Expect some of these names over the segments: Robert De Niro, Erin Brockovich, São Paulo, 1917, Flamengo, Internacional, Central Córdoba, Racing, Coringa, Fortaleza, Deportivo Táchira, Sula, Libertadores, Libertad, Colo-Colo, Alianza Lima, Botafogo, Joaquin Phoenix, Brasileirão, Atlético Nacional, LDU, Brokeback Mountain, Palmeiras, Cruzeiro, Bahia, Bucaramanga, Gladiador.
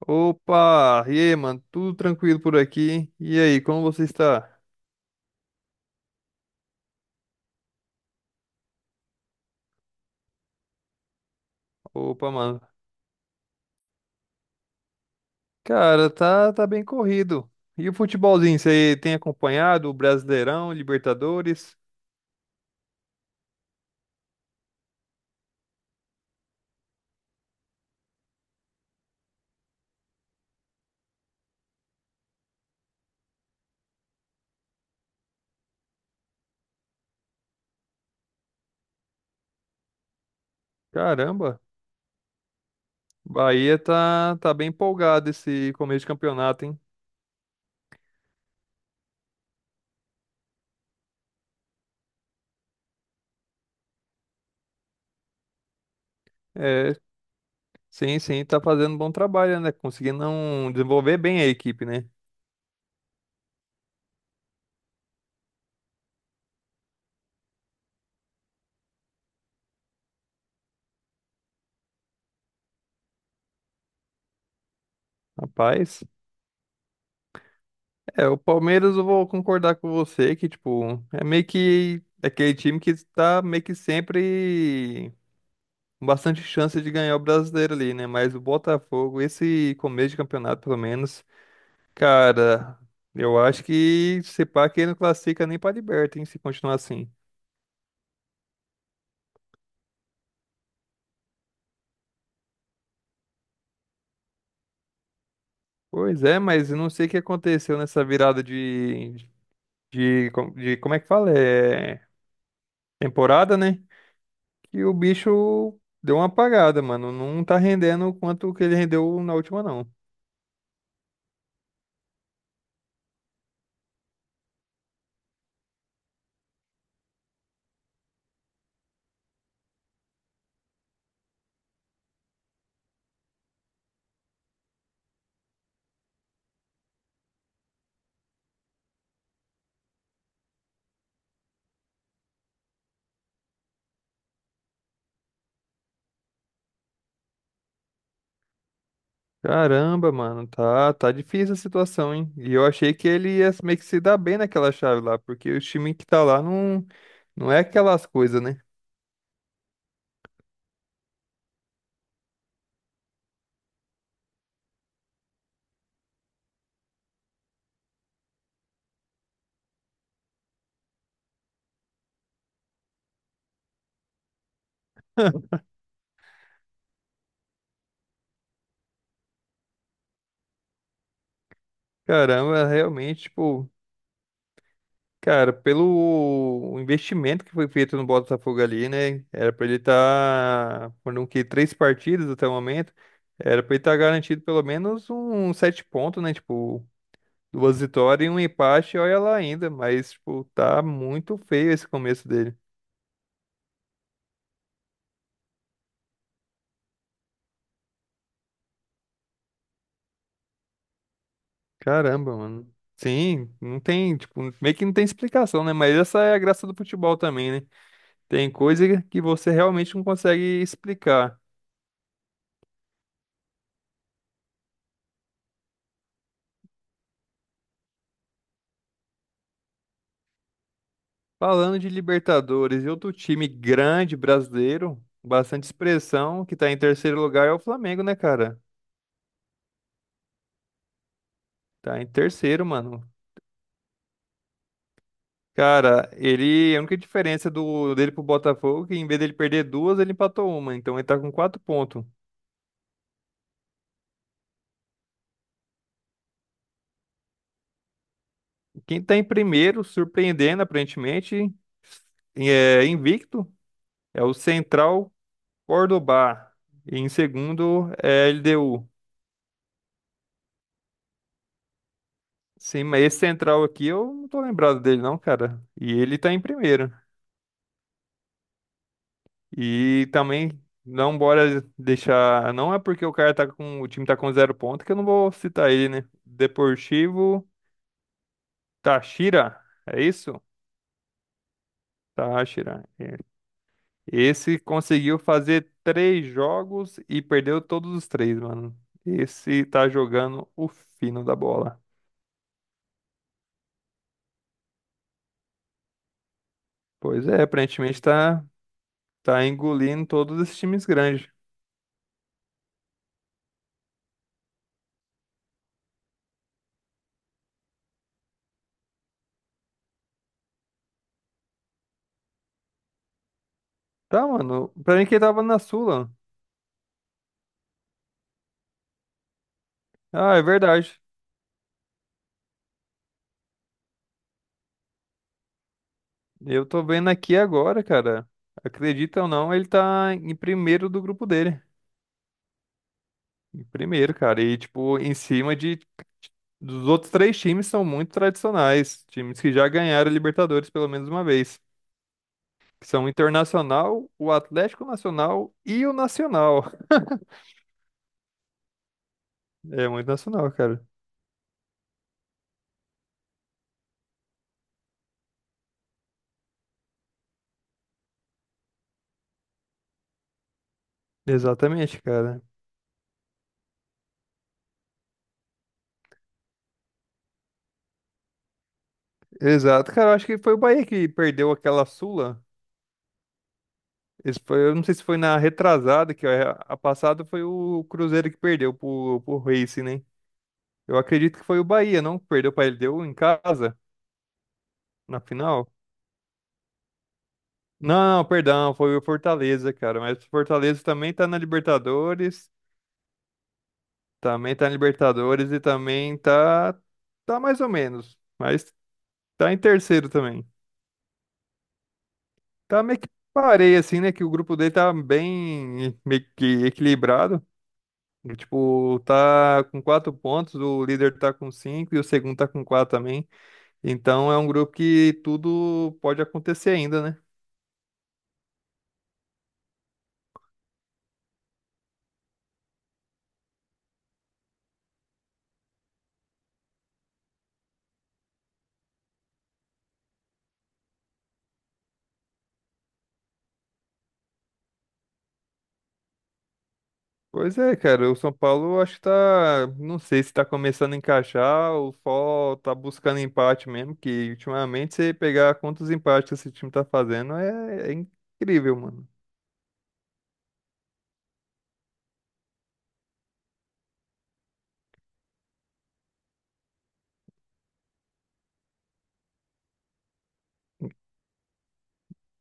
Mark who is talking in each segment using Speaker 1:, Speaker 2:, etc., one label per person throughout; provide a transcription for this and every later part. Speaker 1: Opa, e aí, mano? Tudo tranquilo por aqui? E aí, como você está? Opa, mano. Cara, tá bem corrido. E o futebolzinho, você tem acompanhado o Brasileirão, Libertadores? Caramba, Bahia tá bem empolgado esse começo de campeonato, hein? É, sim, sim, tá fazendo um bom trabalho, né? Conseguindo não desenvolver bem a equipe, né? Rapaz, é, o Palmeiras eu vou concordar com você que, tipo, é meio que é aquele time que tá meio que sempre bastante chance de ganhar o brasileiro ali, né? Mas o Botafogo, esse começo de campeonato, pelo menos, cara, eu acho que se pá que ele não classifica nem pra Liberta, hein, se continuar assim. Pois é, mas eu não sei o que aconteceu nessa virada de, de como é que fala? É, temporada, né? Que o bicho deu uma apagada, mano. Não tá rendendo o quanto que ele rendeu na última, não. Caramba, mano, tá difícil a situação, hein? E eu achei que ele ia meio que se dar bem naquela chave lá, porque o time que tá lá não, não é aquelas coisas, né? Caramba, realmente, tipo, cara, pelo investimento que foi feito no Botafogo ali, né? Era pra ele estar, tá, foram o quê? 3 partidas até o momento, era pra ele estar tá garantido pelo menos um 7 pontos, né? Tipo, 2 vitórias e um empate, olha lá ainda, mas, tipo, tá muito feio esse começo dele. Caramba, mano. Sim, não tem, tipo, meio que não tem explicação, né? Mas essa é a graça do futebol também, né? Tem coisa que você realmente não consegue explicar. Falando de Libertadores e outro time grande brasileiro, bastante expressão, que tá em terceiro lugar é o Flamengo, né, cara? Tá em terceiro, mano. Cara, ele, a única diferença do dele pro Botafogo é que em vez dele perder duas, ele empatou uma, então ele tá com 4 pontos. Quem tá em primeiro, surpreendendo aparentemente, é invicto. É o Central Córdoba. E em segundo é LDU. Sim, mas esse Central aqui eu não tô lembrado dele não, cara. E ele tá em primeiro. E também não bora deixar, não é porque o cara tá com, o time tá com 0 ponto que eu não vou citar ele, né? Deportivo Táchira, é isso? Táchira. É. Esse conseguiu fazer 3 jogos e perdeu todos os três, mano. Esse tá jogando o fino da bola. Pois é, aparentemente tá Tá engolindo todos esses times grandes. Tá, mano. Pra mim que ele tava na Sula. Ah, é verdade. Eu tô vendo aqui agora, cara. Acredita ou não, ele tá em primeiro do grupo dele. Em primeiro, cara. E, tipo, em cima de. Dos outros três times são muito tradicionais. Times que já ganharam Libertadores pelo menos uma vez. Que são o Internacional, o Atlético Nacional e o Nacional. É muito nacional, cara. Exatamente, cara. Exato, cara. Eu acho que foi o Bahia que perdeu aquela Sula. Esse foi, eu não sei se foi na retrasada, que a passada foi o Cruzeiro que perdeu pro Racing, né? Eu acredito que foi o Bahia, não? Que perdeu pra LDU em casa, na final? Não, não, perdão, foi o Fortaleza, cara. Mas o Fortaleza também tá na Libertadores, e também tá mais ou menos, mas tá em terceiro também. Tá meio que parei, assim, né? Que o grupo dele tá bem meio que equilibrado. E, tipo, tá com 4 pontos, o líder tá com cinco e o segundo tá com quatro também. Então é um grupo que tudo pode acontecer ainda, né? Pois é, cara, o São Paulo acho que tá, não sei se tá começando a encaixar ou só tá buscando empate mesmo, que ultimamente você pegar quantos empates que esse time tá fazendo é incrível, mano.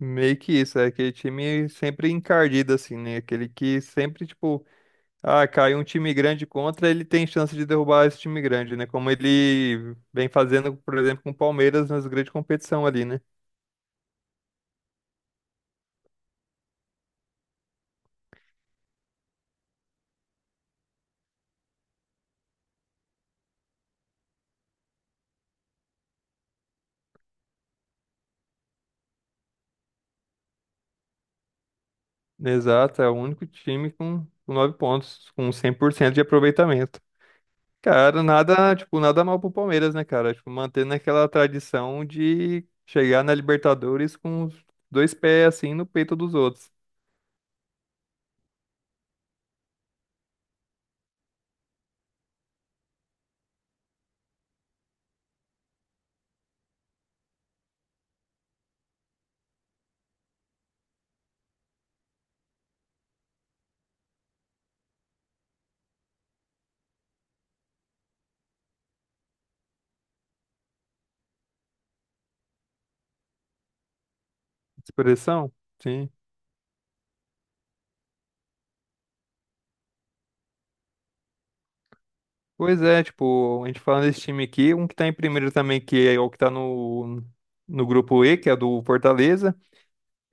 Speaker 1: Meio que isso, é aquele time sempre encardido assim, né? Aquele que sempre, tipo, ah, cai um time grande contra, ele tem chance de derrubar esse time grande, né? Como ele vem fazendo, por exemplo, com o Palmeiras nas grandes competição ali, né? Exato, é o único time com 9 pontos, com 100% de aproveitamento. Cara, nada, tipo, nada mal pro Palmeiras, né, cara? Tipo, mantendo aquela tradição de chegar na Libertadores com os dois pés assim no peito dos outros. Expressão? Sim. Pois é, tipo, a gente falando desse time aqui, um que tá em primeiro também, que é o que tá no grupo E, que é do Fortaleza.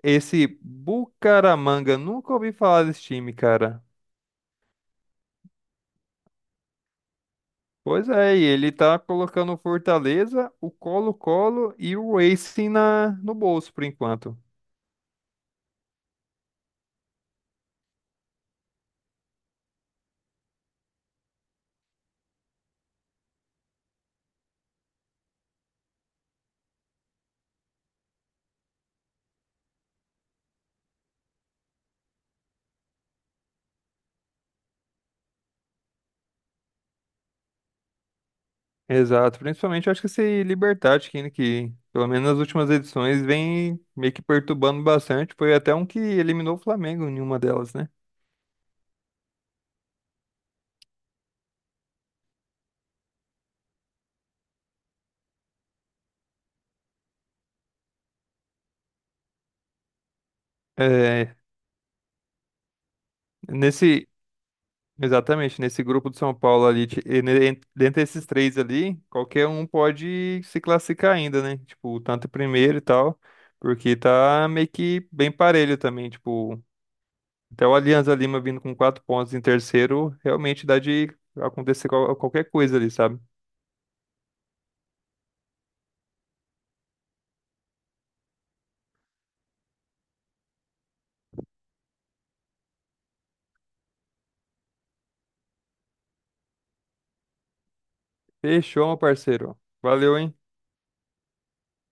Speaker 1: Esse Bucaramanga, nunca ouvi falar desse time, cara. Pois é, e ele tá colocando o Fortaleza, o Colo-Colo e o Racing no bolso, por enquanto. Exato, principalmente eu acho que esse Libertad, que pelo menos nas últimas edições vem meio que perturbando bastante. Foi até um que eliminou o Flamengo em uma delas, né? É, nesse Exatamente, nesse grupo do São Paulo ali, dentre esses três ali, qualquer um pode se classificar ainda, né? Tipo, tanto em primeiro e tal, porque tá meio que bem parelho também, tipo, até o Alianza Lima vindo com 4 pontos em terceiro, realmente dá de acontecer qualquer coisa ali, sabe? Fechou, meu parceiro. Valeu, hein?